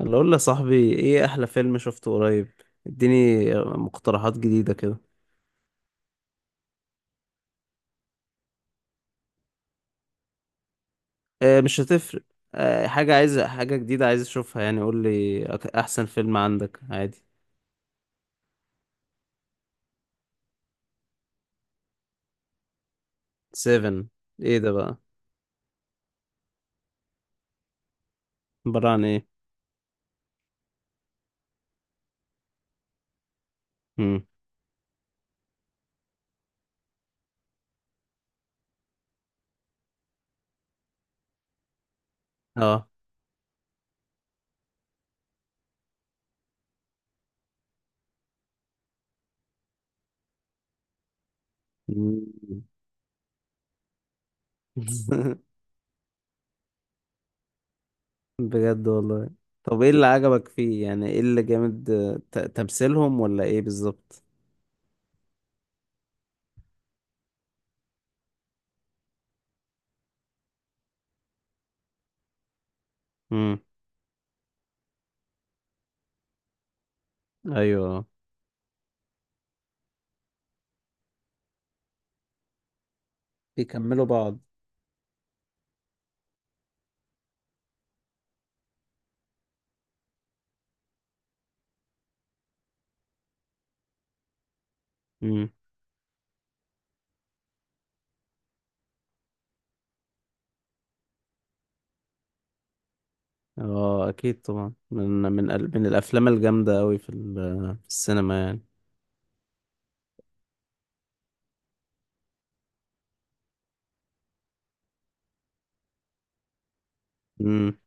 اللي اقول يا صاحبي، ايه احلى فيلم شفته قريب؟ اديني مقترحات جديدة كده. اه، مش هتفرق. اه، حاجة، عايز حاجة جديدة عايز اشوفها يعني. قول لي احسن فيلم عندك عادي. سيفن. ايه ده بقى؟ عبارة عن ايه؟ مم. اه. مم. بجد والله؟ طب ايه اللي عجبك فيه يعني؟ ايه اللي جامد، تمثيلهم ولا ايه بالظبط؟ مم. ايوه، بيكملوا بعض. اه اكيد طبعا، من الافلام الجامده قوي في السينما يعني. امم.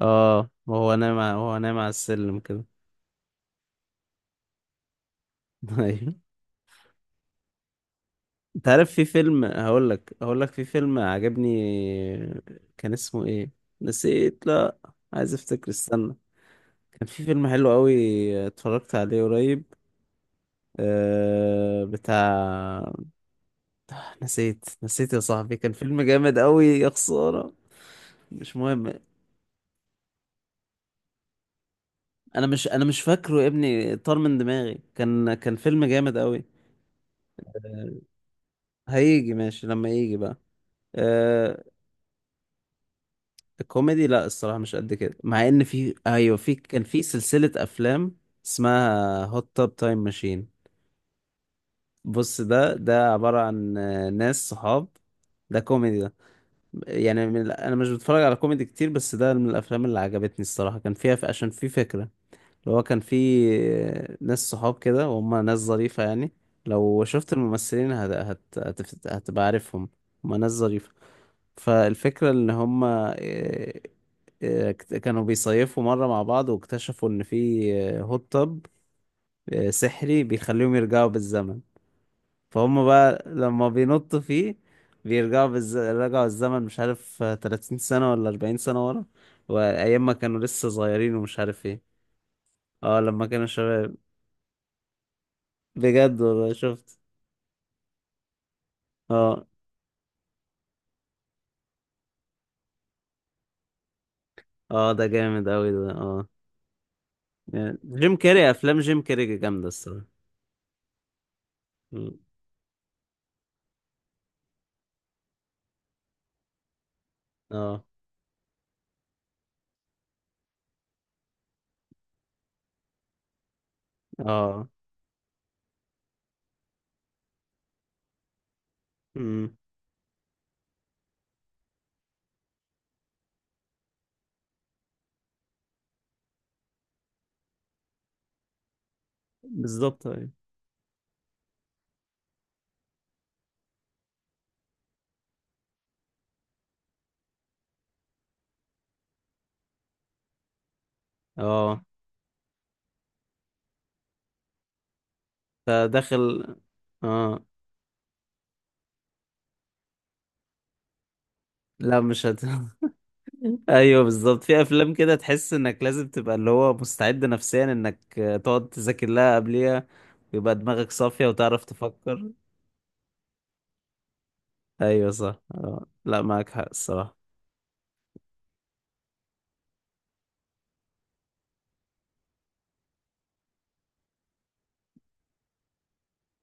اه، وهو نايم على السلم كده. ايوه. انت عارف في فيلم، هقول لك في فيلم عجبني. كان اسمه ايه؟ نسيت، لا. عايز افتكر، استنى. كان في فيلم حلو قوي، اتفرجت عليه قريب. بتاع. نسيت يا صاحبي، كان فيلم جامد قوي يا خساره. مش مهم. انا مش فاكره يا ابني، طار من دماغي. كان فيلم جامد قوي. هيجي، ماشي لما يجي بقى. آه. الكوميدي لا، الصراحة مش قد كده، مع ان في، ايوه، في، كان في سلسلة افلام اسمها هوت توب تايم ماشين. بص، ده عبارة عن ناس صحاب. ده كوميدي ده. يعني انا مش بتفرج على كوميدي كتير، بس ده من الافلام اللي عجبتني الصراحة. كان فيها عشان في فكرة. اللي هو كان فيه ناس صحاب كده، وهم ناس ظريفة يعني. لو شفت الممثلين هتبقى عارفهم. هم ناس ظريفة. فالفكرة ان هم، كانوا بيصيفوا مرة مع بعض، واكتشفوا ان في هوت تب سحري بيخليهم يرجعوا بالزمن. فهم بقى لما بينطوا فيه، رجعوا الزمن مش عارف، 30 سنة ولا 40 سنة ورا. وأيام ما كانوا لسه صغيرين ومش عارف ايه. اه، لما كانوا شباب. بجد والله؟ شفت؟ اه اه، ده جامد اوي ده، اه. يعني جيم كاري، افلام جيم كاري جامده الصراحه. م. اه. اه. م. بالظبط، ايوه. اه، فداخل. اه، لا، مش ايوه بالظبط، في افلام كده تحس انك لازم تبقى اللي هو مستعد نفسيا انك تقعد تذاكر لها قبليها، ويبقى دماغك صافيه وتعرف تفكر. ايوه صح، اه، لا معاك حق الصراحه.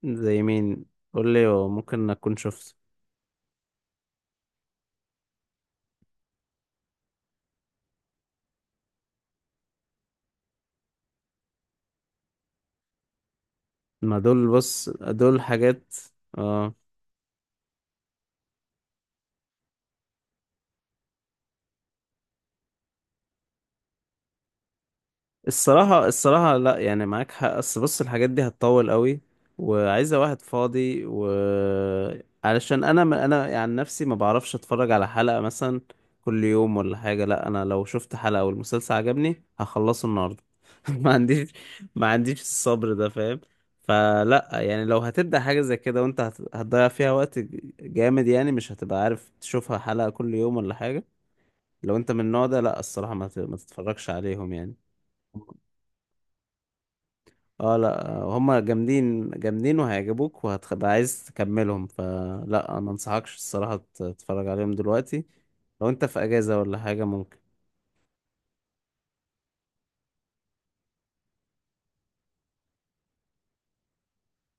زي مين؟ قول لي، ممكن اكون شفت. ما دول، بص دول حاجات. اه، الصراحة لا يعني معاك حق، بس بص الحاجات دي هتطول قوي، وعايزة واحد فاضي و... علشان انا ما انا يعني نفسي ما بعرفش اتفرج على حلقة مثلا كل يوم ولا حاجة. لا، انا لو شفت حلقة والمسلسل عجبني هخلصه النهاردة. ما عنديش ما عنديش الصبر ده، فاهم؟ فلا يعني، لو هتبدأ حاجة زي كده وانت هتضيع فيها وقت جامد يعني، مش هتبقى عارف تشوفها حلقة كل يوم ولا حاجة. لو انت من النوع ده لا الصراحة ما تتفرجش عليهم يعني. اه لا، هما جامدين جامدين وهيعجبوك وهتبقى عايز تكملهم، فلا ما انصحكش الصراحة تتفرج عليهم دلوقتي. لو انت في اجازة ولا حاجة، ممكن.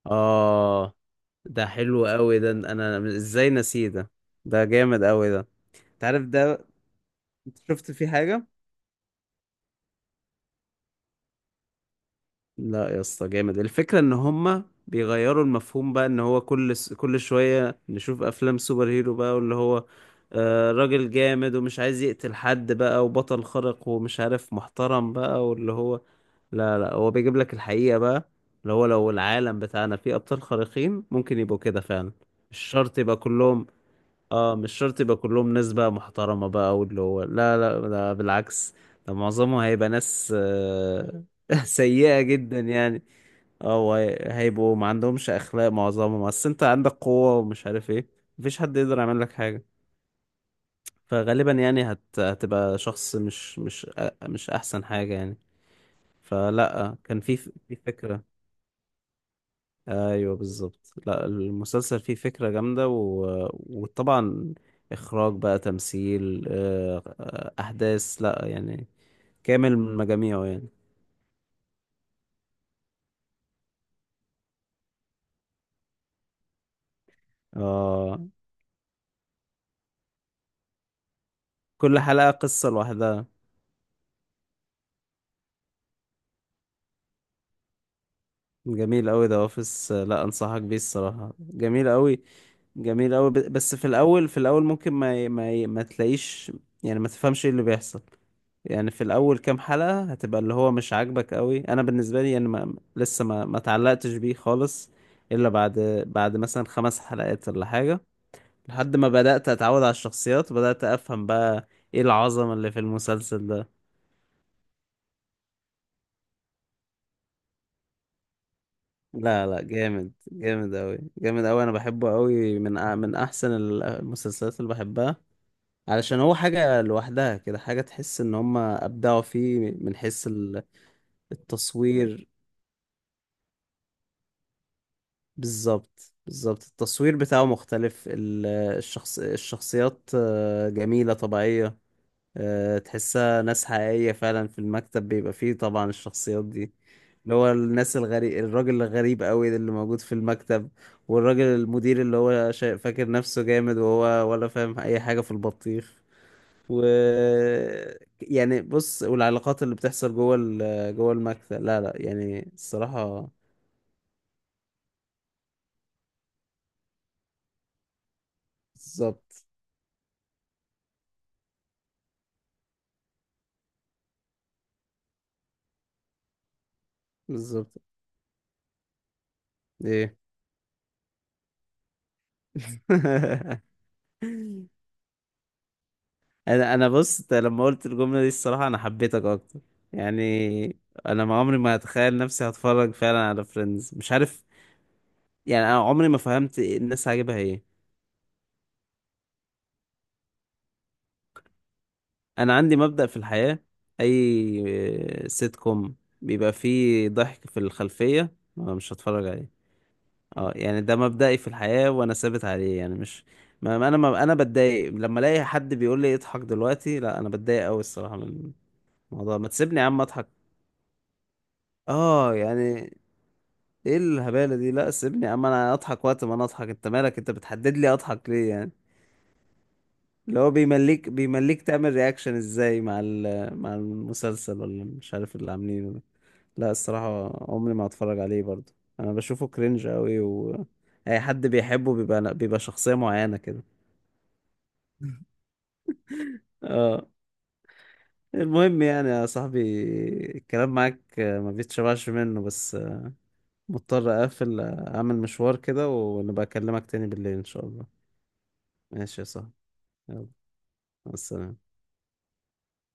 اه، ده حلو قوي ده، انا ازاي نسيه ده؟ ده جامد قوي ده. انت عارف ده؟ انت شفت فيه حاجة؟ لا يا اسطى، جامد. الفكرة ان هما بيغيروا المفهوم بقى، ان هو كل شوية نشوف افلام سوبر هيرو بقى، واللي هو راجل جامد ومش عايز يقتل حد بقى، وبطل خارق ومش عارف، محترم بقى، واللي هو لا لا، هو بيجيب لك الحقيقة بقى. اللي هو لو العالم بتاعنا فيه ابطال خارقين ممكن يبقوا كده فعلا. مش شرط يبقى كلهم. اه، مش شرط يبقى كلهم ناس بقى محترمة بقى، واللي هو لا لا ده بالعكس. ده معظمهم هيبقى ناس سيئة جدا يعني. اه، هيبقوا ما عندهمش أخلاق معظمهم، أصل أنت عندك قوة ومش عارف ايه، مفيش حد يقدر يعمل لك حاجة. فغالبا يعني هتبقى شخص مش أحسن حاجة يعني. فلا، كان في في فكرة. ايوه بالظبط، لا المسلسل فيه فكرة جامدة و... وطبعا اخراج بقى، تمثيل، احداث، لا يعني كامل من مجاميعه يعني. آه. كل حلقة قصة لوحدها. جميل قوي ده اوفيس، لا انصحك بيه الصراحة جميل قوي. جميل قوي، بس في الاول ممكن ما تلاقيش يعني، ما تفهمش ايه اللي بيحصل. يعني في الاول كام حلقة هتبقى اللي هو مش عاجبك قوي، انا بالنسبة لي يعني ما لسه ما اتعلقتش بيه خالص، الا بعد، بعد مثلا 5 حلقات ولا حاجة، لحد ما بدأت اتعود على الشخصيات وبدأت افهم بقى ايه العظمة اللي في المسلسل ده. لا لا، جامد جامد قوي جامد قوي، انا بحبه قوي، من احسن المسلسلات اللي بحبها، علشان هو حاجة لوحدها كده، حاجة تحس ان هم ابدعوا فيه من حيث التصوير. بالظبط بالظبط، التصوير بتاعه مختلف، الشخصيات جميلة طبيعية، تحسها ناس حقيقية فعلا، في المكتب بيبقى فيه طبعا الشخصيات دي، اللي هو الناس الغريب، الراجل الغريب قوي ده اللي موجود في المكتب، والراجل المدير اللي هو فاكر نفسه جامد وهو ولا فاهم أي حاجة في البطيخ، و... يعني بص، والعلاقات اللي بتحصل جوه المكتب، لا لا يعني الصراحة بالظبط بالظبط، ايه! انا بص، أنت لما قلت الجمله دي الصراحه انا حبيتك اكتر، يعني انا ما عمري ما هتخيل نفسي هتفرج فعلا على فريندز، مش عارف، يعني انا عمري ما فهمت الناس عاجبها ايه. انا عندي مبدأ في الحياه، اي سيت كوم بيبقى فيه ضحك في الخلفيه، أنا مش هتفرج عليه. اه يعني، ده مبدئي في الحياه وانا ثابت عليه يعني، مش... ما انا بتضايق لما الاقي حد بيقول لي اضحك دلوقتي، لا انا بتضايق قوي الصراحه من الموضوع، ما تسيبني يا عم اضحك. اه يعني، ايه الهبالة دي؟ لا سيبني يا عم، انا اضحك وقت ما انا اضحك، انت مالك؟ انت بتحدد لي اضحك ليه يعني؟ اللي هو بيمليك تعمل رياكشن ازاي مع المسلسل ولا مش عارف اللي عاملينه ده. لا الصراحة عمري ما هتفرج عليه برضه، انا بشوفه كرنج قوي و... اي حد بيحبه بيبقى شخصية معينة كده. اه. المهم يعني يا صاحبي، الكلام معاك ما بيتشبعش منه، بس مضطر اقفل، اعمل مشوار كده ونبقى اكلمك تاني بالليل ان شاء الله. ماشي يا صاحبي، يلا، مع السلامة.